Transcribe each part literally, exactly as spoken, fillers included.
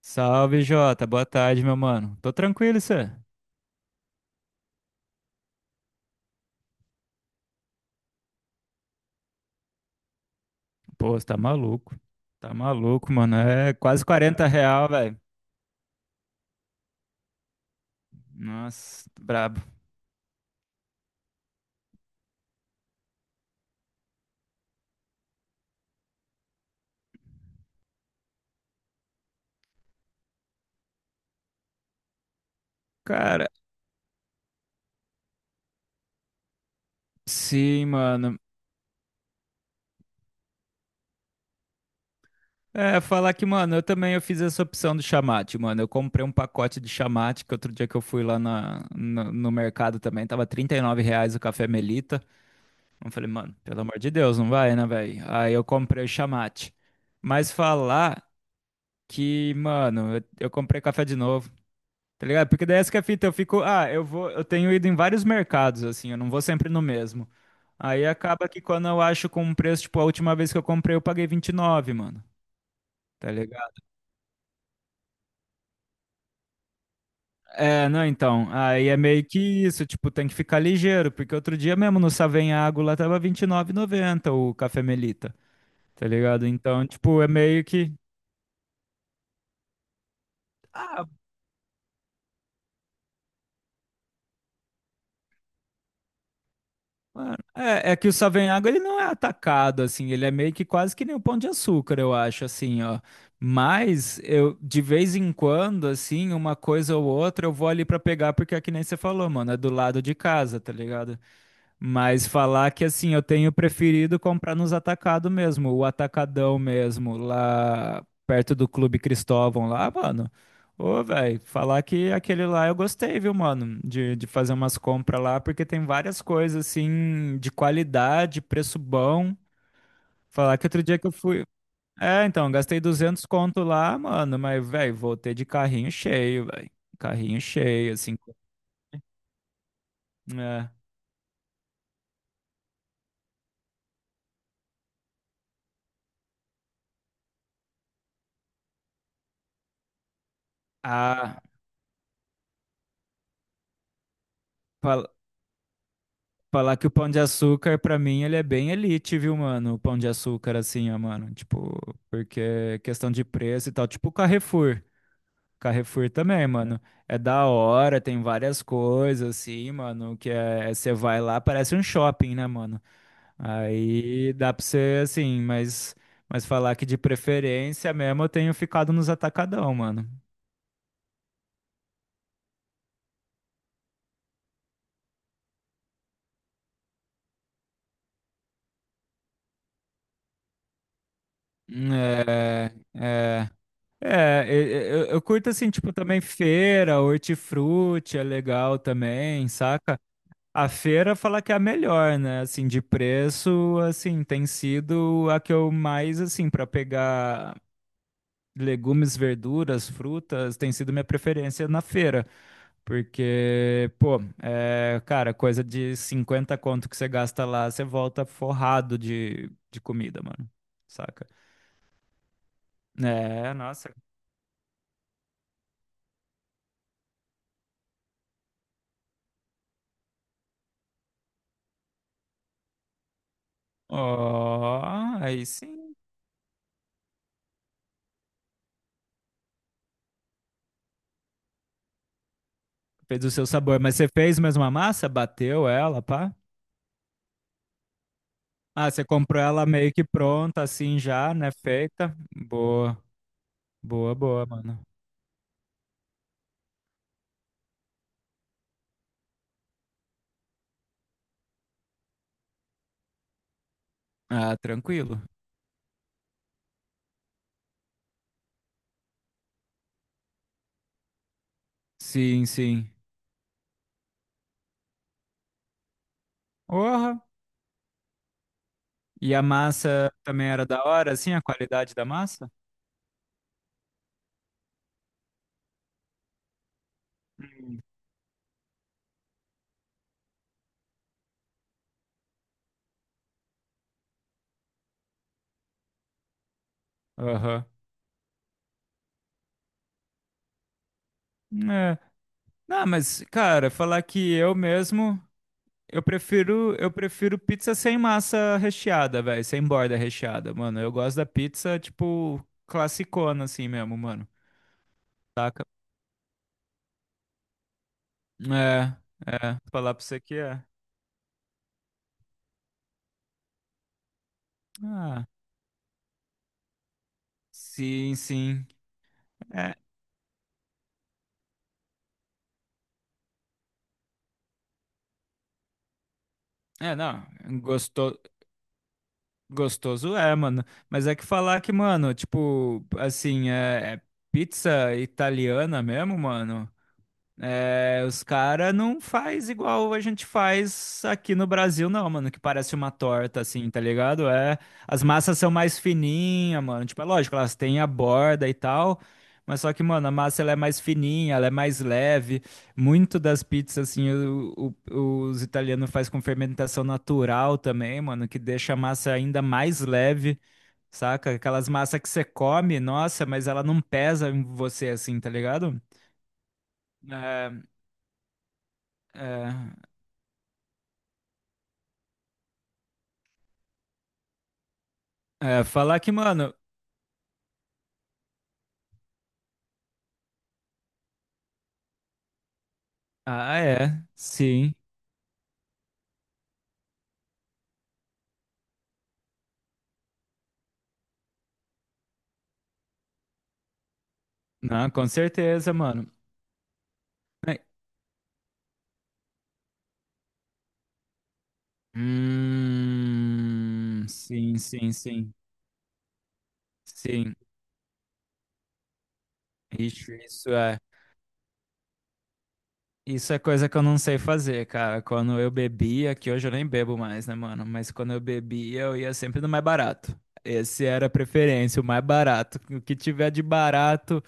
Salve, Jota. Boa tarde, meu mano. Tô tranquilo, e cê? Pô, você tá maluco. Tá maluco, mano. É quase quarenta real, velho. Nossa, brabo. Cara, sim, mano. É, falar que, mano, eu também eu fiz essa opção do chamate, mano. Eu comprei um pacote de chamate, que outro dia que eu fui lá na, no, no mercado também, tava trinta e nove reais o café Melita. Eu falei, mano, pelo amor de Deus, não vai, né, velho? Aí eu comprei o chamate. Mas falar que, mano, eu, eu comprei café de novo. Tá ligado? Porque daí essa que é a fita, eu fico, ah, eu vou, eu tenho ido em vários mercados, assim, eu não vou sempre no mesmo. Aí acaba que quando eu acho com um preço, tipo, a última vez que eu comprei, eu paguei vinte e nove, mano. Tá ligado? É, não, então, aí é meio que isso, tipo, tem que ficar ligeiro, porque outro dia mesmo no Savenhago lá tava vinte e nove e noventa o café Melita, tá ligado? Então, tipo, é meio que, ah, mano, É, é que o Savanhago ele não é atacado assim, ele é meio que quase que nem o Pão de Açúcar, eu acho assim, ó. Mas eu de vez em quando, assim, uma coisa ou outra, eu vou ali pra pegar, porque é que nem você falou, mano, é do lado de casa, tá ligado? Mas falar que assim, eu tenho preferido comprar nos atacados mesmo, o atacadão mesmo, lá perto do Clube Cristóvão lá, mano. Ô, velho, falar que aquele lá eu gostei, viu, mano, de, de, fazer umas compras lá, porque tem várias coisas assim, de qualidade, preço bom. Falar que outro dia que eu fui. É, então, gastei duzentos conto lá, mano, mas, velho, voltei de carrinho cheio, velho. Carrinho cheio, assim. É. Ah. fal- Falar que o Pão de Açúcar, pra mim, ele é bem elite, viu, mano? O Pão de Açúcar, assim, ó, mano. Tipo, porque é questão de preço e tal. Tipo o Carrefour. Carrefour também, mano. É da hora, tem várias coisas, assim, mano. Que é. Você vai lá, parece um shopping, né, mano? Aí dá pra você, assim, mas. Mas falar que de preferência mesmo eu tenho ficado nos atacadão, mano. É. É. É, e- e- eu, eu curto assim, tipo, também feira, hortifruti é legal também, saca? A feira fala que é a melhor, né? Assim, de preço, assim, tem sido a que eu mais, assim, pra pegar legumes, verduras, frutas, tem sido minha preferência na feira. Porque, pô, é, cara, coisa de cinquenta conto que você gasta lá, você volta forrado de, de comida, mano. Saca? É, nossa. Ó, aí sim. Fez o seu sabor, mas você fez mesmo a massa? Bateu ela, pá? Ah, você comprou ela meio que pronta, assim já, né? Feita. Boa, boa, boa, mano. Ah, tranquilo. Sim, sim. Porra. E a massa também era da hora, assim, a qualidade da massa? Hum. Aham. É. Não, mas, cara, falar que eu mesmo, eu prefiro, eu prefiro pizza sem massa recheada, velho, sem borda recheada, mano. Eu gosto da pizza, tipo, classicona, assim mesmo, mano. É, é, falar pra você que é. Ah, sim, sim. É, é, não, gosto, gostoso é, mano. Mas é que falar que, mano, tipo, assim, é, é pizza italiana mesmo, mano. É, os caras não faz igual a gente faz aqui no Brasil, não, mano, que parece uma torta, assim, tá ligado? É, as massas são mais fininhas, mano. Tipo, é lógico, elas têm a borda e tal, mas só que, mano, a massa ela é mais fininha, ela é mais leve. Muito das pizzas, assim, o- o- os italianos faz com fermentação natural também, mano, que deixa a massa ainda mais leve, saca? Aquelas massas que você come, nossa, mas ela não pesa em você, assim, tá ligado? É, é. É, falar que, mano. Ah, é. Sim. Não, com certeza, mano. Ai, hum, sim, sim, sim. Sim. Ixi, isso é. Isso é coisa que eu não sei fazer, cara. Quando eu bebia, que hoje eu nem bebo mais, né, mano? Mas quando eu bebia, eu ia sempre no mais barato. Esse era a preferência, o mais barato. O que tiver de barato.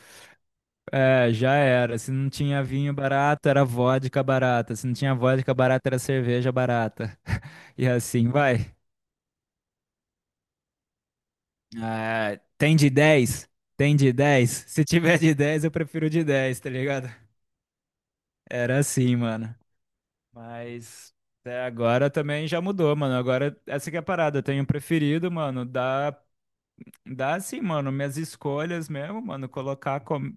É, já era. Se não tinha vinho barato, era vodka barata. Se não tinha vodka barata, era cerveja barata. E assim vai. Ah, tem de dez. Tem de dez? Se tiver de dez, eu prefiro de dez, tá ligado? Era assim, mano. Mas até agora também já mudou, mano. Agora, essa que é a parada. Eu tenho preferido, mano, dar Dá assim, mano, minhas escolhas mesmo, mano, colocar com-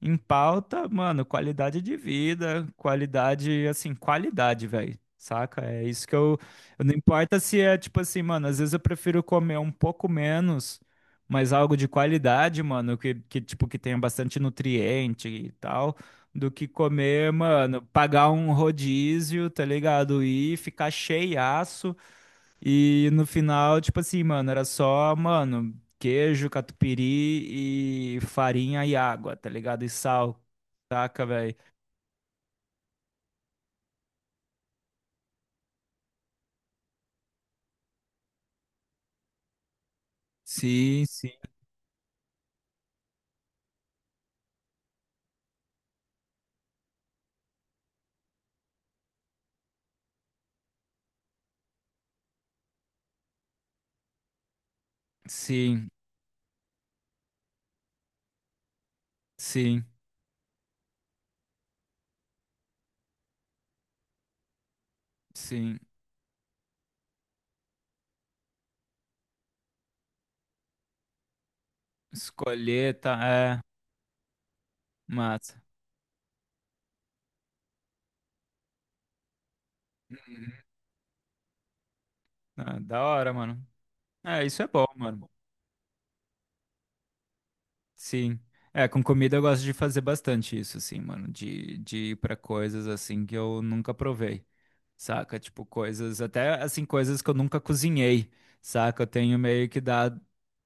em pauta, mano, qualidade de vida, qualidade, assim, qualidade, velho, saca? É isso que eu, eu- não importa se é tipo assim, mano, às vezes eu prefiro comer um pouco menos, mas algo de qualidade, mano, que, que tipo, que tenha bastante nutriente e tal, do que comer, mano, pagar um rodízio, tá ligado? E ficar cheiaço e no final, tipo assim, mano, era só, mano, queijo, catupiry e farinha e água, tá ligado? E sal, saca, velho? Sim, sim, sim, sim, sim. Escolher, tá? É, massa. Ah, da hora, mano. É, isso é bom, mano. Sim. É, com comida eu gosto de fazer bastante isso, assim, mano. De, de ir pra coisas assim que eu nunca provei. Saca? Tipo, coisas, até assim, coisas que eu nunca cozinhei, saca? Eu tenho meio que dado,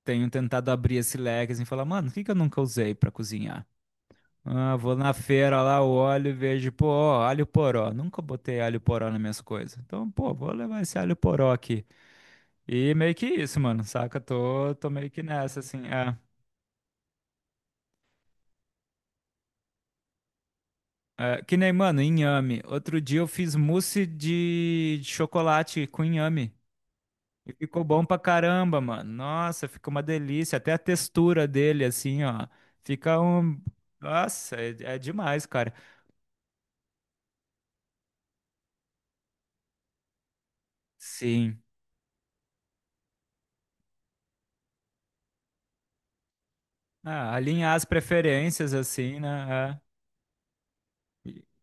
tenho tentado abrir esse leque assim, e falar, mano, o que que eu nunca usei pra cozinhar? Ah, vou na feira lá, olho e vejo, pô, ó, alho poró. Nunca botei alho poró nas minhas coisas. Então, pô, vou levar esse alho poró aqui. E meio que isso, mano, saca? Tô, tô meio que nessa, assim, é. É, que nem, mano, inhame. Outro dia eu fiz mousse de de chocolate com inhame. E ficou bom pra caramba, mano. Nossa, ficou uma delícia. Até a textura dele, assim, ó. Fica um. Nossa, é, é demais, cara. Sim. Ah, alinhar as preferências, assim, né? É.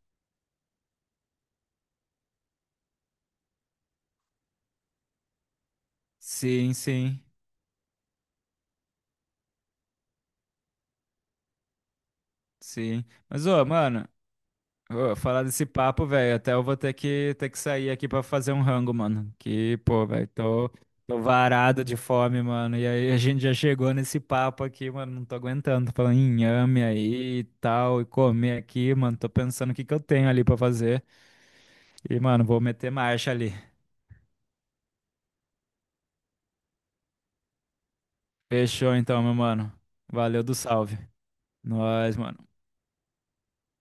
Sim, sim, sim. Mas, ô, mano. Ô, falar desse papo, velho, até eu vou ter que, ter que sair aqui pra fazer um rango, mano. Que, pô, velho, tô, tô varado de fome, mano. E aí a gente já chegou nesse papo aqui, mano, não tô aguentando. Tô falando em inhame aí e tal, e comer aqui, mano. Tô pensando o que que eu tenho ali pra fazer. E, mano, vou meter marcha ali. Fechou então, meu mano. Valeu do salve. Nós, mano.